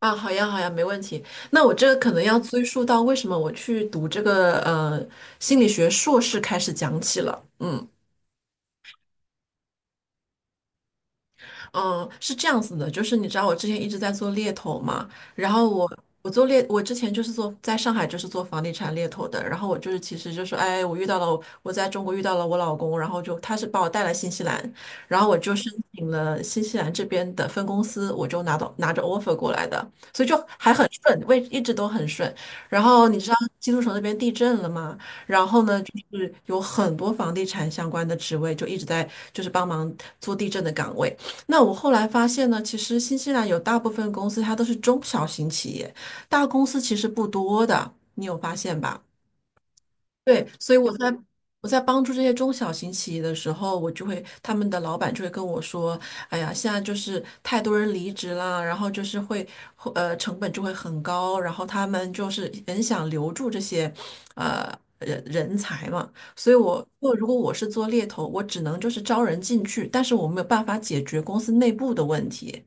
啊，好呀，好呀，没问题。那我这个可能要追溯到为什么我去读这个心理学硕士开始讲起了。嗯。嗯，是这样子的，就是你知道我之前一直在做猎头嘛，然后我我做猎，我之前就是做在上海做房地产猎头的，然后我就是其实就是哎，我在中国遇到了我老公，然后就他是把我带来新西兰，然后我就申请了新西兰这边的分公司，我就拿着 offer 过来的，所以就还很顺，位一直都很顺。然后你知道基督城那边地震了吗？然后呢，就是有很多房地产相关的职位就一直在就是帮忙做地震的岗位。那我后来发现呢，其实新西兰有大部分公司它都是中小型企业，大公司其实不多的，你有发现吧？对，所以我在我在帮助这些中小型企业的时候，我就会他们的老板就会跟我说："哎呀，现在就是太多人离职啦，然后就是会成本就会很高，然后他们就是很想留住这些呃人才嘛。所以我如果我是做猎头，我只能就是招人进去，但是我没有办法解决公司内部的问题。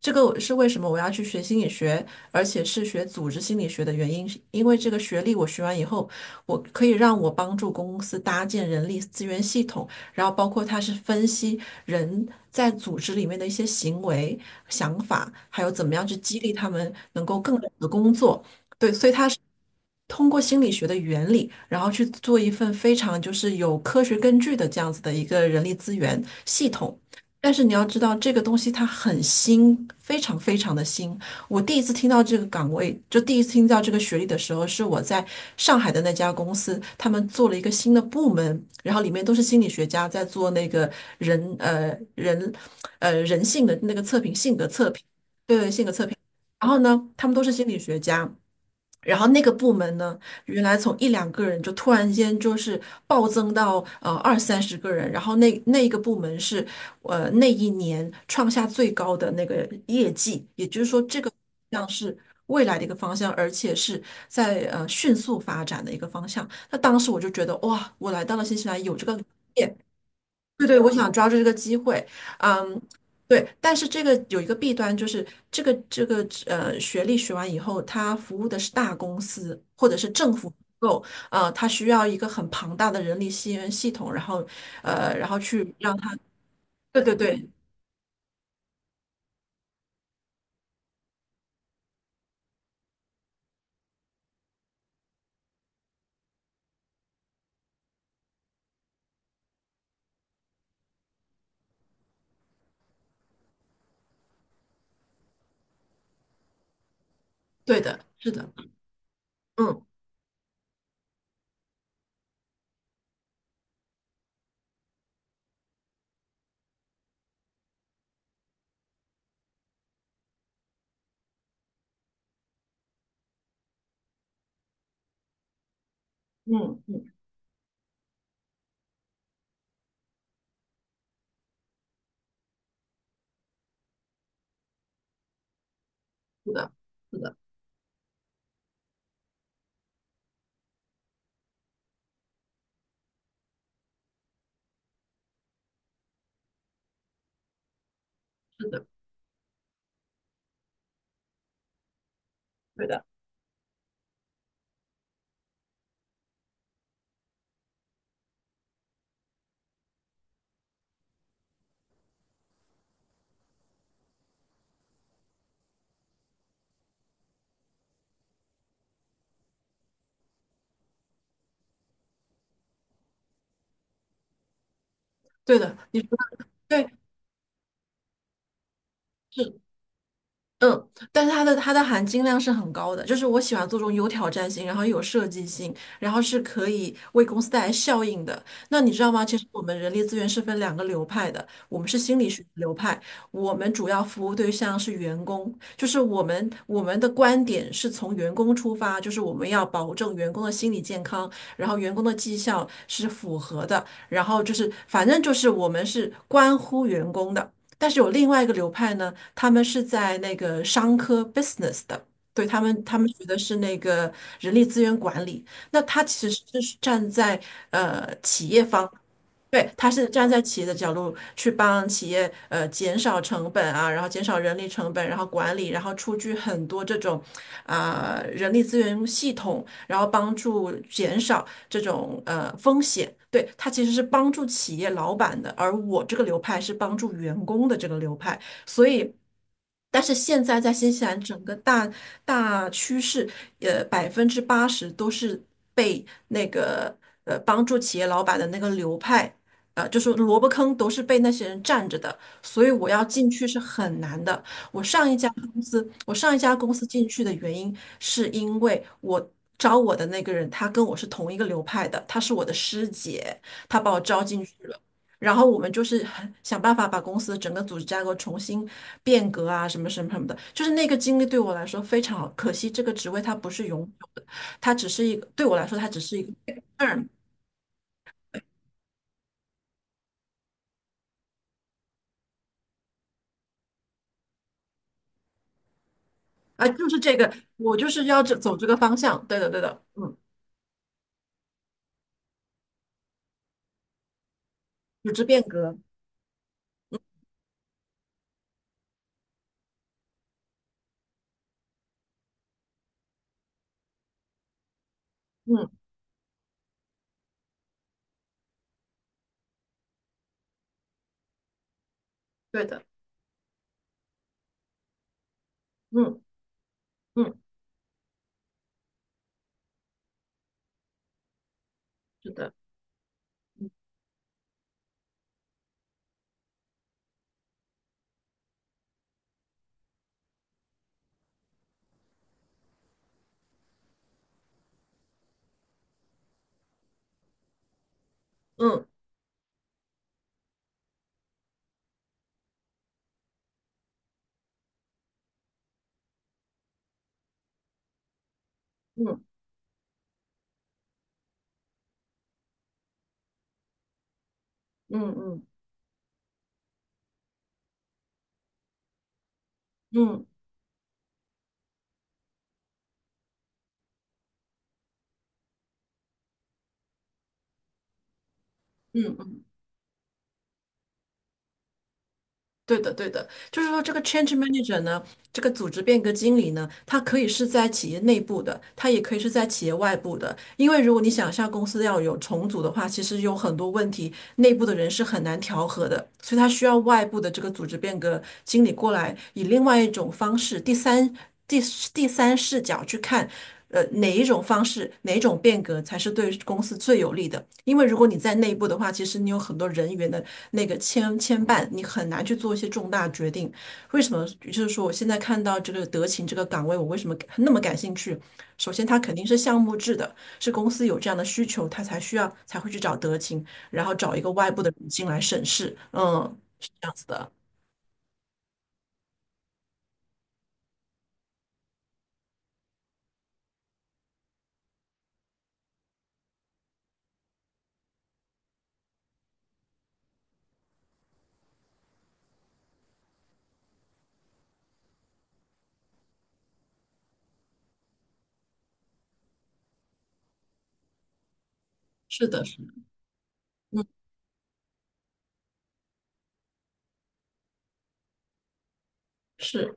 这个是为什么我要去学心理学，而且是学组织心理学的原因，是因为这个学历我学完以后，我可以让我帮助公司搭建人力资源系统，然后包括它是分析人在组织里面的一些行为、想法，还有怎么样去激励他们能够更好的工作。对，所以它通过心理学的原理，然后去做一份非常就是有科学根据的这样子的一个人力资源系统。但是你要知道，这个东西它很新，非常非常的新。我第一次听到这个岗位，就第一次听到这个学历的时候，是我在上海的那家公司，他们做了一个新的部门，然后里面都是心理学家在做那个人呃人人性的那个测评，性格测评，对对，性格测评。然后呢，他们都是心理学家。然后那个部门呢，原来从一两个人就突然间就是暴增到二三十个人，然后那一个部门是那一年创下最高的那个业绩，也像是未来的一个方向，而且是在迅速发展的一个方向。那当时我就觉得哇，我来到了新西兰有这个。对对，我想抓住这个机会，嗯，对，但是这个有一个弊端，就是这个学历学完以后，他服务的是大公司或者是政府机构，呃，他需要一个很庞大的人力资源系统，然后呃，然后去让他，对对对，对的，是的，嗯嗯嗯，是的，是的，对的，对的，你说的对。是。嗯，但是它的含金量是很高的，就是我喜欢做这种有挑战性，然后又有设计性，然后是可以为公司带来效应的。那你知道吗？其实我们人力资源是分两个流派的，我们是心理学流派，我们主要服务对象是员工，就是我们的观点是从员工出发，就是我们要保证员工的心理健康，然后员工的绩效是符合的，然后就是反正就是我们是关乎员工的。但是有另外一个流派呢，他们是在那个商科 business 的，对他们，他们学的是那个人力资源管理。那他其实是站在企业方，对，他是站在企业的角度去帮企业减少成本啊，然后减少人力成本，然后管理，然后出具很多这种啊、人力资源系统然后帮助减少这种风险。对，它其实是帮助企业老板的，而我这个流派是帮助员工的这个流派，所以。但是现在在新西兰整个大趋势，呃，80%都是被那个帮助企业老板的那个流派，呃，就是萝卜坑都是被那些人占着的，所以我要进去是很难的。我上一家公司进去的原因，是因为我招我的那个人，他跟我是同一个流派的，他是我的师姐，他把我招进去了。然后我们就是很想办法把公司整个组织架构重新变革啊，什么什么什么的。就是那个经历对我来说非常好，可惜这个职位它不是永久的，它只是一个 term 啊，就是这个我就是要这走这个方向，对的对的，嗯，组织变革，嗯，对的，嗯嗯，是的。嗯嗯嗯嗯嗯嗯嗯，对的对的，就是说这个 change manager 呢，这个组织变革经理呢，他可以是在企业内部的，他也可以是在企业外部的，因为如果你想象公司要有重组的话，其实有很多问题，内部的人是很难调和的，所以他需要外部的这个组织变革经理过来，以另外一种方式，第第三视角去看。呃，哪一种方式，哪一种变革才是对公司最有利的？因为如果你在内部的话，其实你有很多人员的那个牵绊，你很难去做一些重大决定。为什么？就是说，我现在看到这个德勤这个岗位，我为什么那么感兴趣？首先，它肯定是项目制的，是公司有这样的需求，他才需要才会去找德勤，然后找一个外部的人进来审视。嗯，的，是的，是的，嗯，是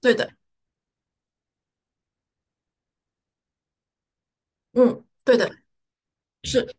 对的，嗯，对的，是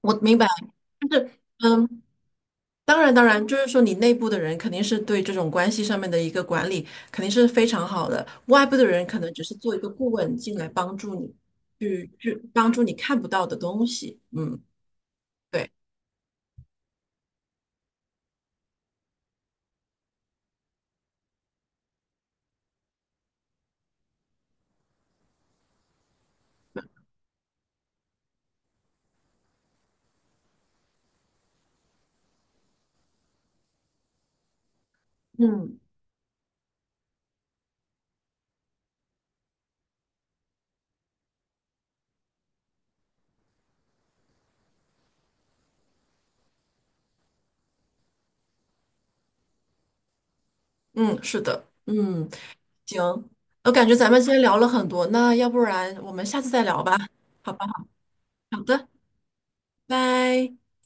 我明白，就是嗯。当然，当然，就是说你内部的人肯定是对这种关系上面的一个管理肯定是非常好的，外部的人可能只是做一个顾问进来帮助你，去帮助你看不到的东西。嗯，对，嗯嗯，是的，嗯。行，我感觉咱们今天聊了很多，那要不然我们下次再聊吧？好吧，好的，拜。